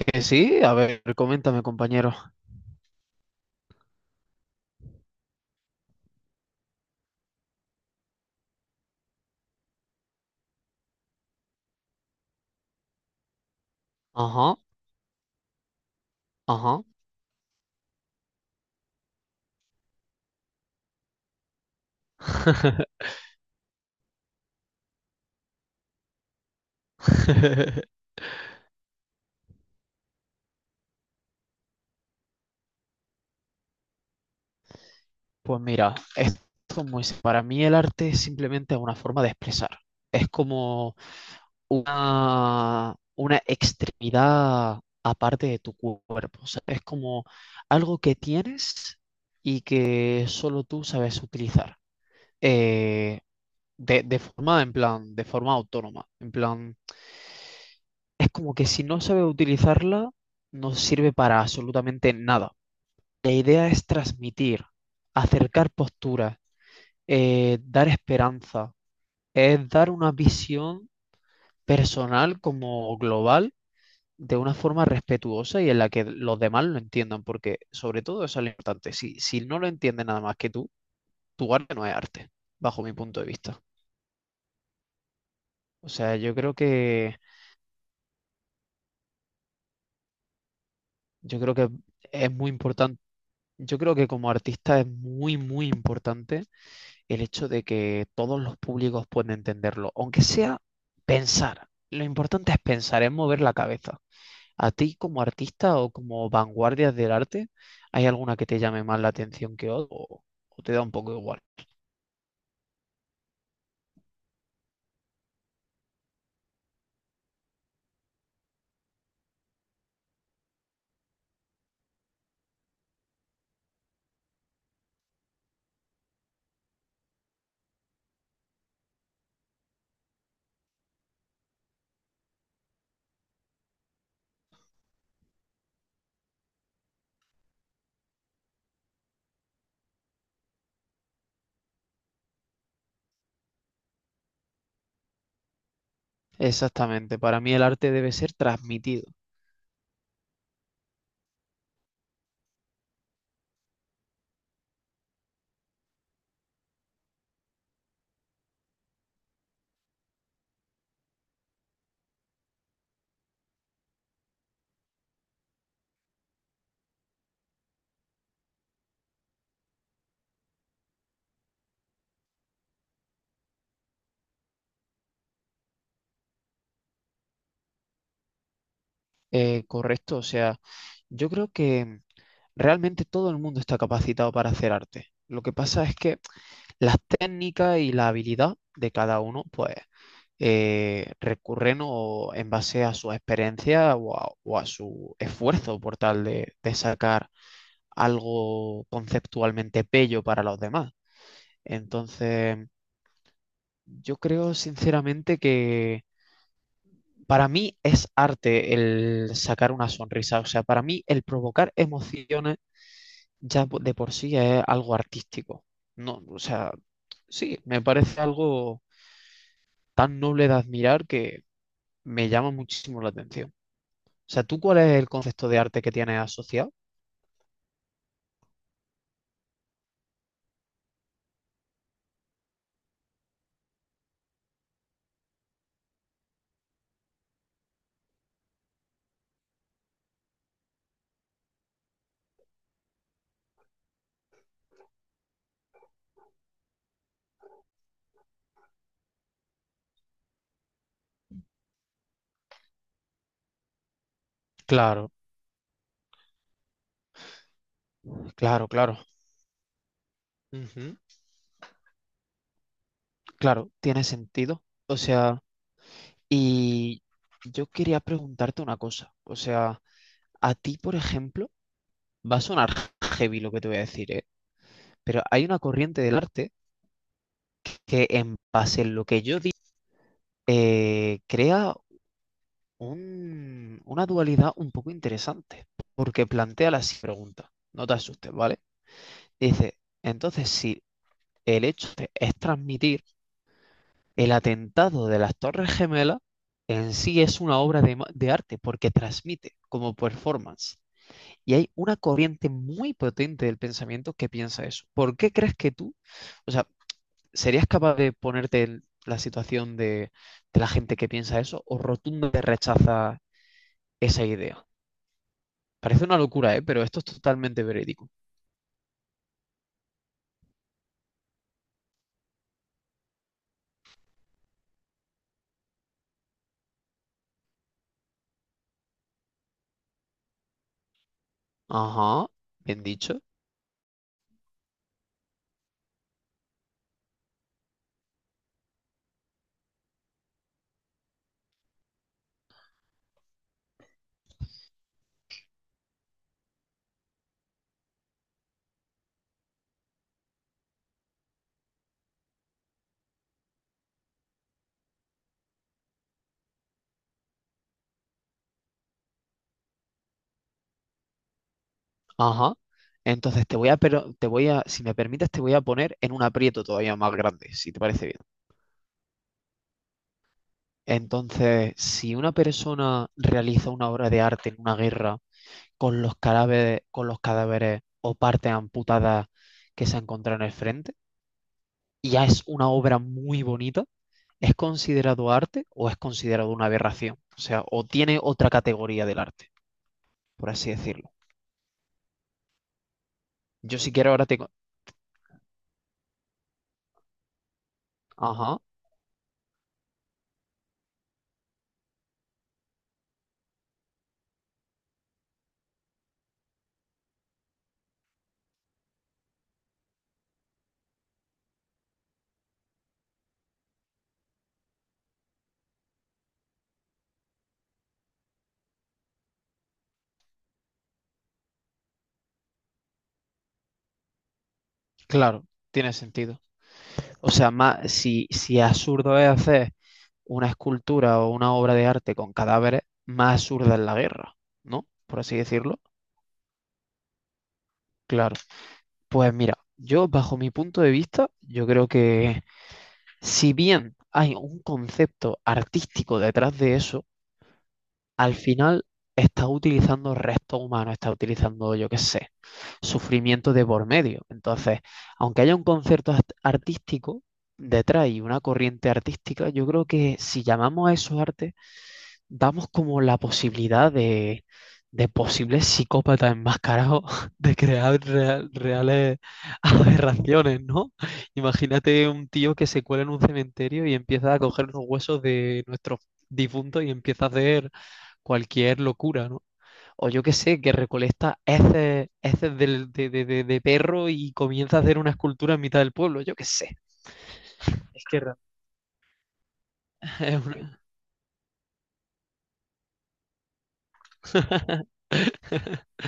Sí, a ver, coméntame, compañero. Ajá, ajá. Pues mira, esto es para mí el arte es simplemente una forma de expresar. Es como una extremidad aparte de tu cuerpo. O sea, es como algo que tienes y que solo tú sabes utilizar. Eh, de forma, en plan, de forma autónoma. En plan, es como que si no sabes utilizarla, no sirve para absolutamente nada. La idea es transmitir, acercar posturas, dar esperanza, es dar una visión personal como global de una forma respetuosa y en la que los demás lo entiendan, porque sobre todo eso es lo importante. Si, si no lo entiende nada más que tú, tu arte no es arte, bajo mi punto de vista. O sea, yo creo que es muy importante, yo creo que como artista es muy, muy importante el hecho de que todos los públicos pueden entenderlo, aunque sea pensar. Lo importante es pensar, es mover la cabeza. ¿A ti como artista o como vanguardias del arte, hay alguna que te llame más la atención que otra o te da un poco igual? Exactamente, para mí el arte debe ser transmitido. Correcto. O sea, yo creo que realmente todo el mundo está capacitado para hacer arte. Lo que pasa es que las técnicas y la habilidad de cada uno, pues recurren o en base a su experiencia o o a su esfuerzo por tal de sacar algo conceptualmente bello para los demás. Entonces, yo creo sinceramente que para mí es arte el sacar una sonrisa, o sea, para mí el provocar emociones de por sí es algo artístico. No, o sea, sí, me parece algo tan noble de admirar que me llama muchísimo la atención. O sea, ¿tú cuál es el concepto de arte que tienes asociado? Claro, claro, claro. Ujú. Claro, tiene sentido. O sea, y yo quería preguntarte una cosa. O sea, a ti, por ejemplo, va a sonar heavy lo que te voy a decir, ¿eh? Pero hay una corriente del arte que en base a lo que yo digo, crea una dualidad un poco interesante, porque plantea la siguiente pregunta. No te asustes, ¿vale? Dice, entonces si es transmitir el atentado de las Torres Gemelas, en sí es una obra de arte, porque transmite como performance. Y hay una corriente muy potente del pensamiento que piensa eso. ¿Por qué crees que tú, o sea, serías capaz de ponerte en la situación de la gente que piensa eso o rotundamente rechaza esa idea? Parece una locura, ¿eh? Pero esto es totalmente verídico. Ajá, bien dicho. Ajá. Entonces pero te voy a, si me permites, te voy a poner en un aprieto todavía más grande, si te parece bien. Entonces, si una persona realiza una obra de arte en una guerra con los cadáveres o partes amputadas que se encuentran en el frente, y ya es una obra muy bonita, ¿es considerado arte o es considerado una aberración? O sea, o tiene otra categoría del arte, por así decirlo. Yo si quiero ahora te Ajá, claro, tiene sentido. O sea, si, si absurdo es hacer una escultura o una obra de arte con cadáveres, más absurda es la guerra, ¿no? Por así decirlo. Claro. Pues mira, yo bajo mi punto de vista, yo creo que si bien hay un concepto artístico detrás de eso, al final está utilizando restos humanos, está utilizando, yo qué sé, sufrimiento de por medio. Entonces, aunque haya un concepto artístico detrás y una corriente artística, yo creo que si llamamos a eso arte, damos como la posibilidad de posibles psicópatas enmascarados de crear reales aberraciones, ¿no? Imagínate un tío que se cuela en un cementerio y empieza a coger los huesos de nuestros difuntos y empieza a hacer cualquier locura, ¿no? O yo qué sé, que recolecta heces, heces de perro y comienza a hacer una escultura en mitad del pueblo, yo qué sé. Es que ra- Es una-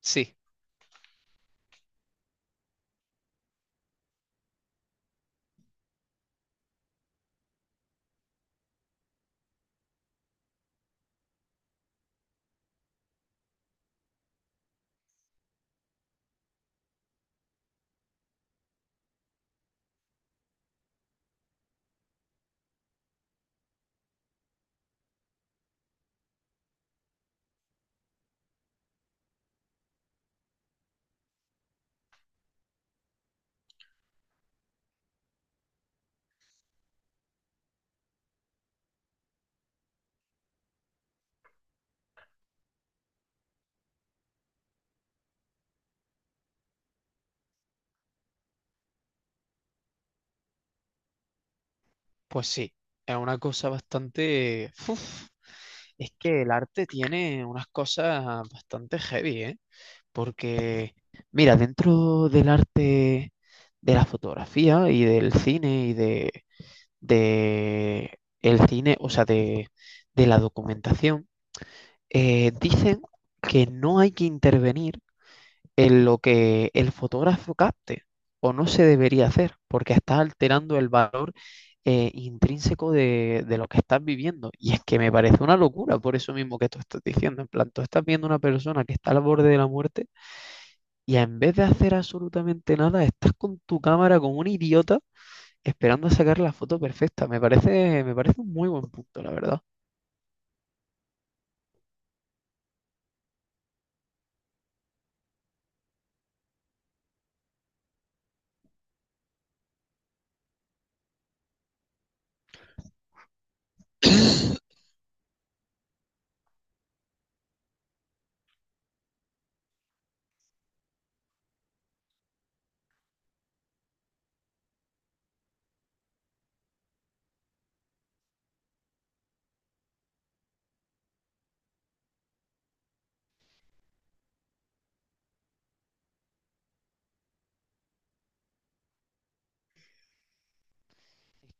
Sí, pues sí, es una cosa bastante... Uf, es que el arte tiene unas cosas bastante heavy, ¿eh? Porque, mira, dentro del arte de la fotografía y del cine de el cine, o sea, de la documentación, dicen que no hay que intervenir en lo que el fotógrafo capte, o no se debería hacer, porque está alterando el valor intrínseco de lo que estás viviendo. Y es que me parece una locura, por eso mismo que tú estás diciendo. En plan, tú estás viendo una persona que está al borde de la muerte y en vez de hacer absolutamente nada, estás con tu cámara como un idiota esperando a sacar la foto perfecta. Me parece un muy buen punto, la verdad.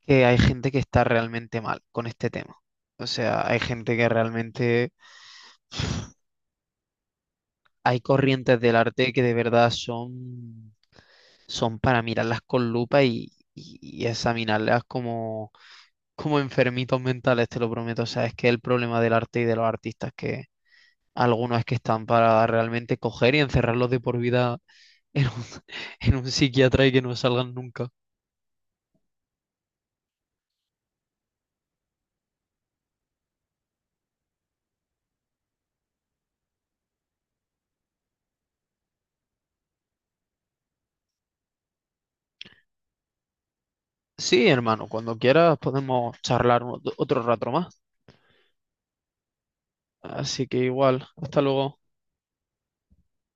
Que hay gente que está realmente mal con este tema. O sea, hay corrientes del arte que de verdad son, son para mirarlas con lupa y examinarlas como enfermitos mentales, te lo prometo. O sea, es que el problema del arte y de los artistas que algunos es que están para realmente coger y encerrarlos de por vida en un, en un psiquiatra y que no salgan nunca. Sí, hermano, cuando quieras podemos charlar otro rato más. Así que igual, hasta luego.